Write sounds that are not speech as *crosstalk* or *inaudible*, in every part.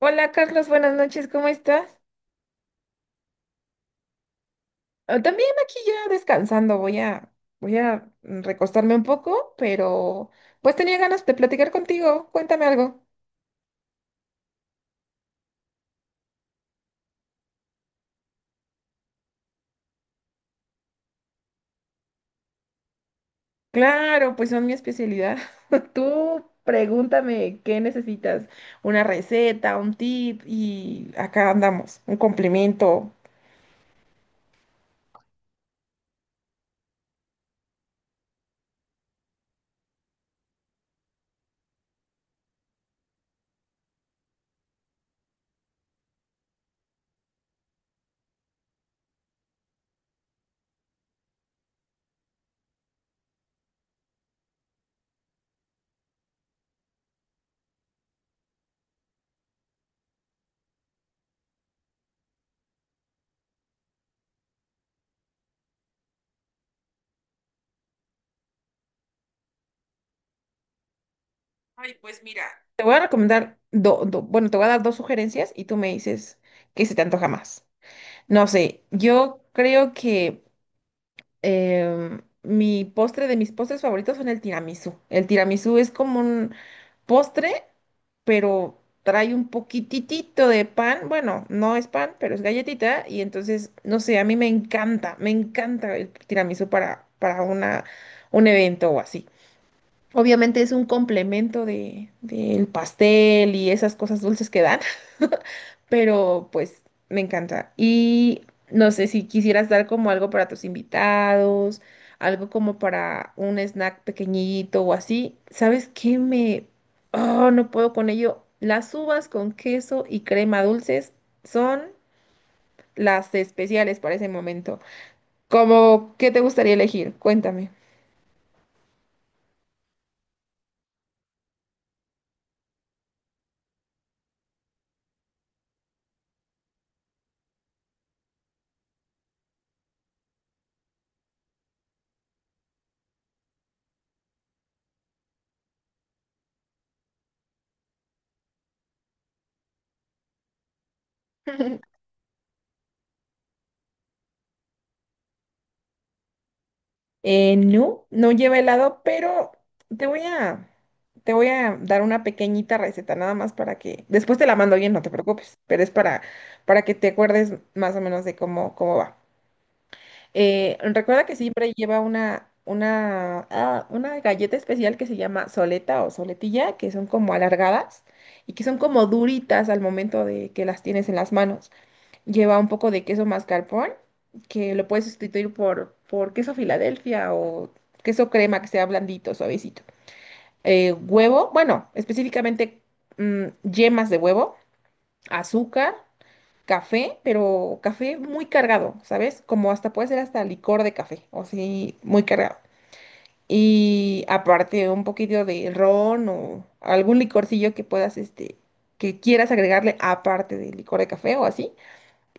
Hola Carlos, buenas noches, ¿cómo estás? Ah, también aquí ya descansando, voy a recostarme un poco, pero pues tenía ganas de platicar contigo, cuéntame algo. Claro, pues son mi especialidad. *laughs* Tú pregúntame qué necesitas, una receta, un tip y acá andamos, un complemento. Ay, pues mira. Te voy a recomendar, do- do- bueno, Te voy a dar dos sugerencias y tú me dices qué se te antoja más. No sé, yo creo que mi postre de mis postres favoritos son el tiramisú. El tiramisú es como un postre, pero trae un poquitito de pan. Bueno, no es pan, pero es galletita. Y entonces, no sé, a mí me encanta el tiramisú un evento o así. Obviamente es un complemento del pastel y esas cosas dulces que dan, *laughs* pero pues me encanta. Y no sé si quisieras dar como algo para tus invitados, algo como para un snack pequeñito o así. ¿Sabes qué me... Oh, no puedo con ello. Las uvas con queso y crema dulces son las especiales para ese momento. ¿Cómo ¿qué te gustaría elegir? Cuéntame. *laughs* No, no lleva helado, pero te voy a, te voy a dar una pequeñita receta nada más para que, después te la mando bien, no te preocupes, pero es para que te acuerdes más o menos de cómo va. Recuerda que siempre lleva una galleta especial que se llama soleta o soletilla, que son como alargadas y que son como duritas al momento de que las tienes en las manos. Lleva un poco de queso mascarpone, que lo puedes sustituir por queso Filadelfia o queso crema que sea blandito, suavecito. Huevo, bueno, específicamente yemas de huevo, azúcar, café, pero café muy cargado, ¿sabes? Como hasta puede ser hasta licor de café, o sí, muy cargado. Y aparte un poquito de ron o algún licorcillo que puedas, que quieras agregarle aparte del licor de café o así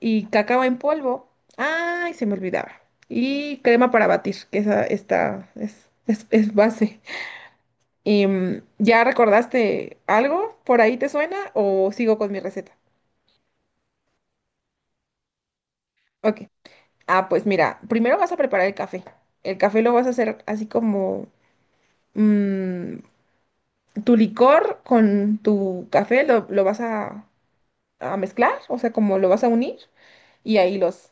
y cacao en polvo. Ay, se me olvidaba. Y crema para batir, que esa esta es base. ¿Ya recordaste algo? ¿Por ahí te suena o sigo con mi receta? Ok. Ah, pues mira, primero vas a preparar el café. El café lo vas a hacer así como mm, tu licor con tu café a mezclar, o sea, como lo vas a unir y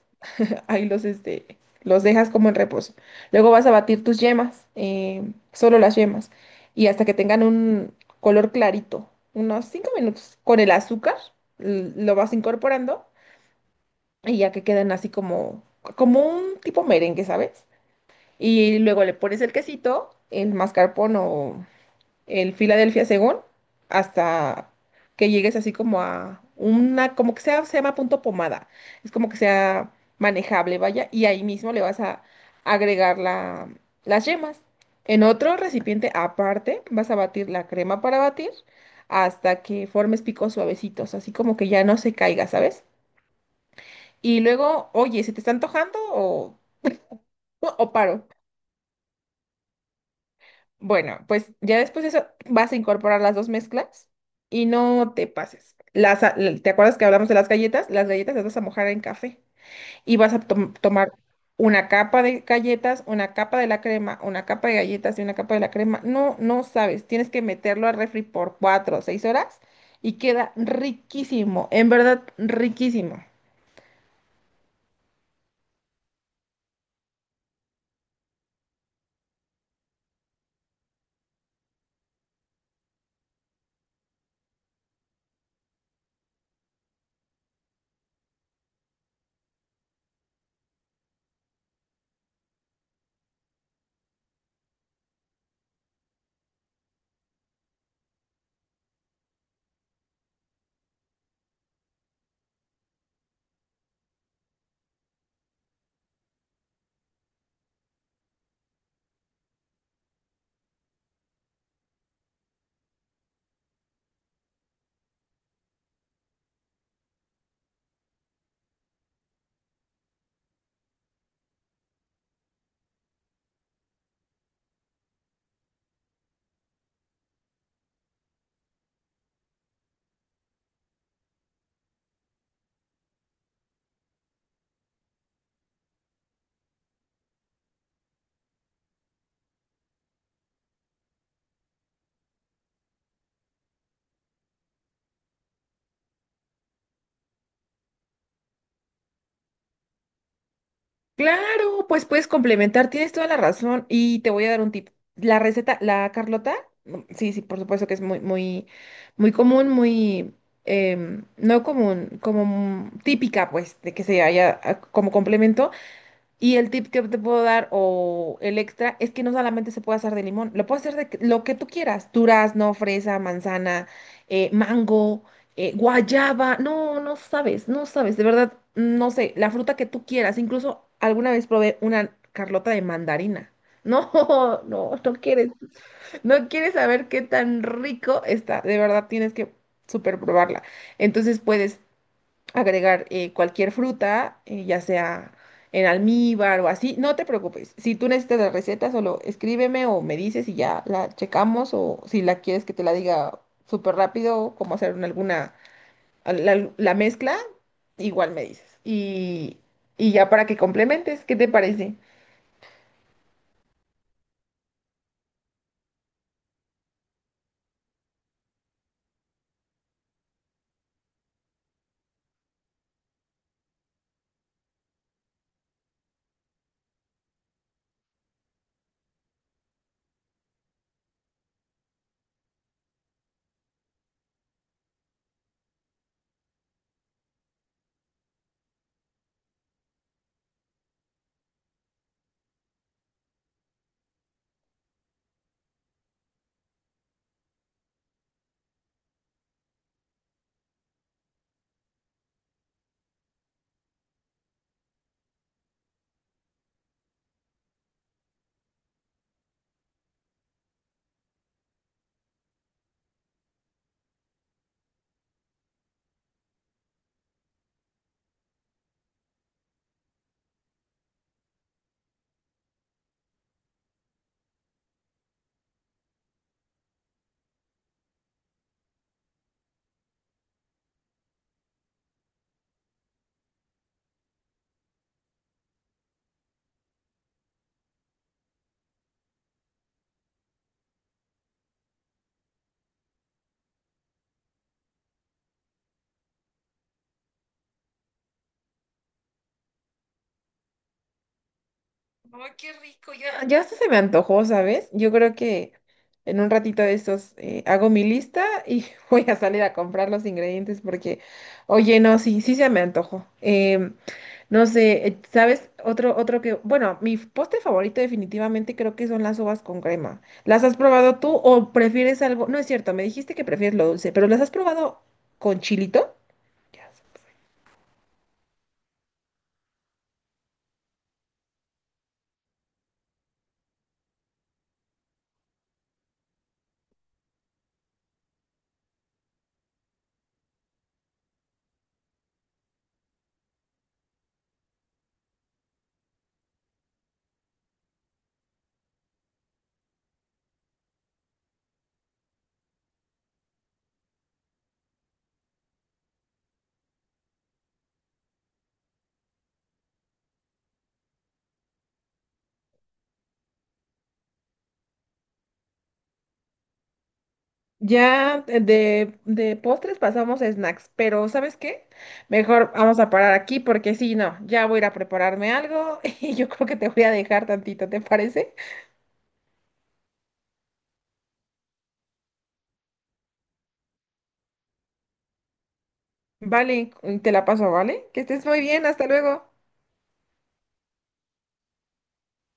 los dejas como en reposo. Luego vas a batir tus yemas, solo las yemas, y hasta que tengan un color clarito, unos 5 minutos. Con el azúcar lo vas incorporando y ya que queden como un tipo merengue, ¿sabes? Y luego le pones el quesito, el mascarpone o el Philadelphia, según, hasta que llegues así como como que sea, se llama punto pomada, es como que sea manejable, vaya, y ahí mismo le vas a agregar las yemas. En otro recipiente aparte vas a batir la crema para batir hasta que formes picos suavecitos, así como que ya no se caiga, ¿sabes? Y luego, oye, ¿se te está antojando o paro? Bueno, pues ya después de eso vas a incorporar las dos mezclas y no te pases. ¿Te acuerdas que hablamos de las galletas? Las galletas las vas a mojar en café y vas a tomar una capa de galletas, una capa de la crema, una capa de galletas y una capa de la crema. No, no sabes, tienes que meterlo al refri por cuatro o seis horas y queda riquísimo, en verdad riquísimo. Claro, pues puedes complementar, tienes toda la razón y te voy a dar un tip. La receta, la Carlota, sí, sí, por supuesto que es muy común, no común, como típica, pues, de que se haya ah, como complemento. Y el tip que te puedo dar o el extra es que no solamente se puede hacer de limón, lo puedes hacer de lo que tú quieras, durazno, fresa, manzana, mango, guayaba, no sabes, de verdad, no sé, la fruta que tú quieras, incluso alguna vez probé una carlota de mandarina. No, *laughs* no, no quieres saber qué tan rico está, de verdad tienes que super probarla. Entonces puedes agregar cualquier fruta, ya sea en almíbar o así, no te preocupes. Si tú necesitas la receta, solo escríbeme o me dices y ya la checamos o si la quieres que te la diga súper rápido, cómo hacer en alguna, la mezcla, igual me dices. Y ya para que complementes, ¿qué te parece? Ay, qué rico. Ya hasta se me antojó, ¿sabes? Yo creo que en un ratito de estos hago mi lista y *laughs* voy a salir a comprar los ingredientes porque, oye, no, sí se me antojó. No sé, ¿sabes? Otro que, bueno, postre favorito definitivamente creo que son las uvas con crema. ¿Las has probado tú o prefieres algo? No es cierto, me dijiste que prefieres lo dulce, pero ¿las has probado con chilito? Ya. Ya de postres pasamos a snacks, pero ¿sabes qué? Mejor vamos a parar aquí porque si no, ya voy a ir a prepararme algo *laughs* y yo creo que te voy a dejar tantito, ¿te parece? Vale, te la paso, ¿vale? Que estés muy bien, hasta luego.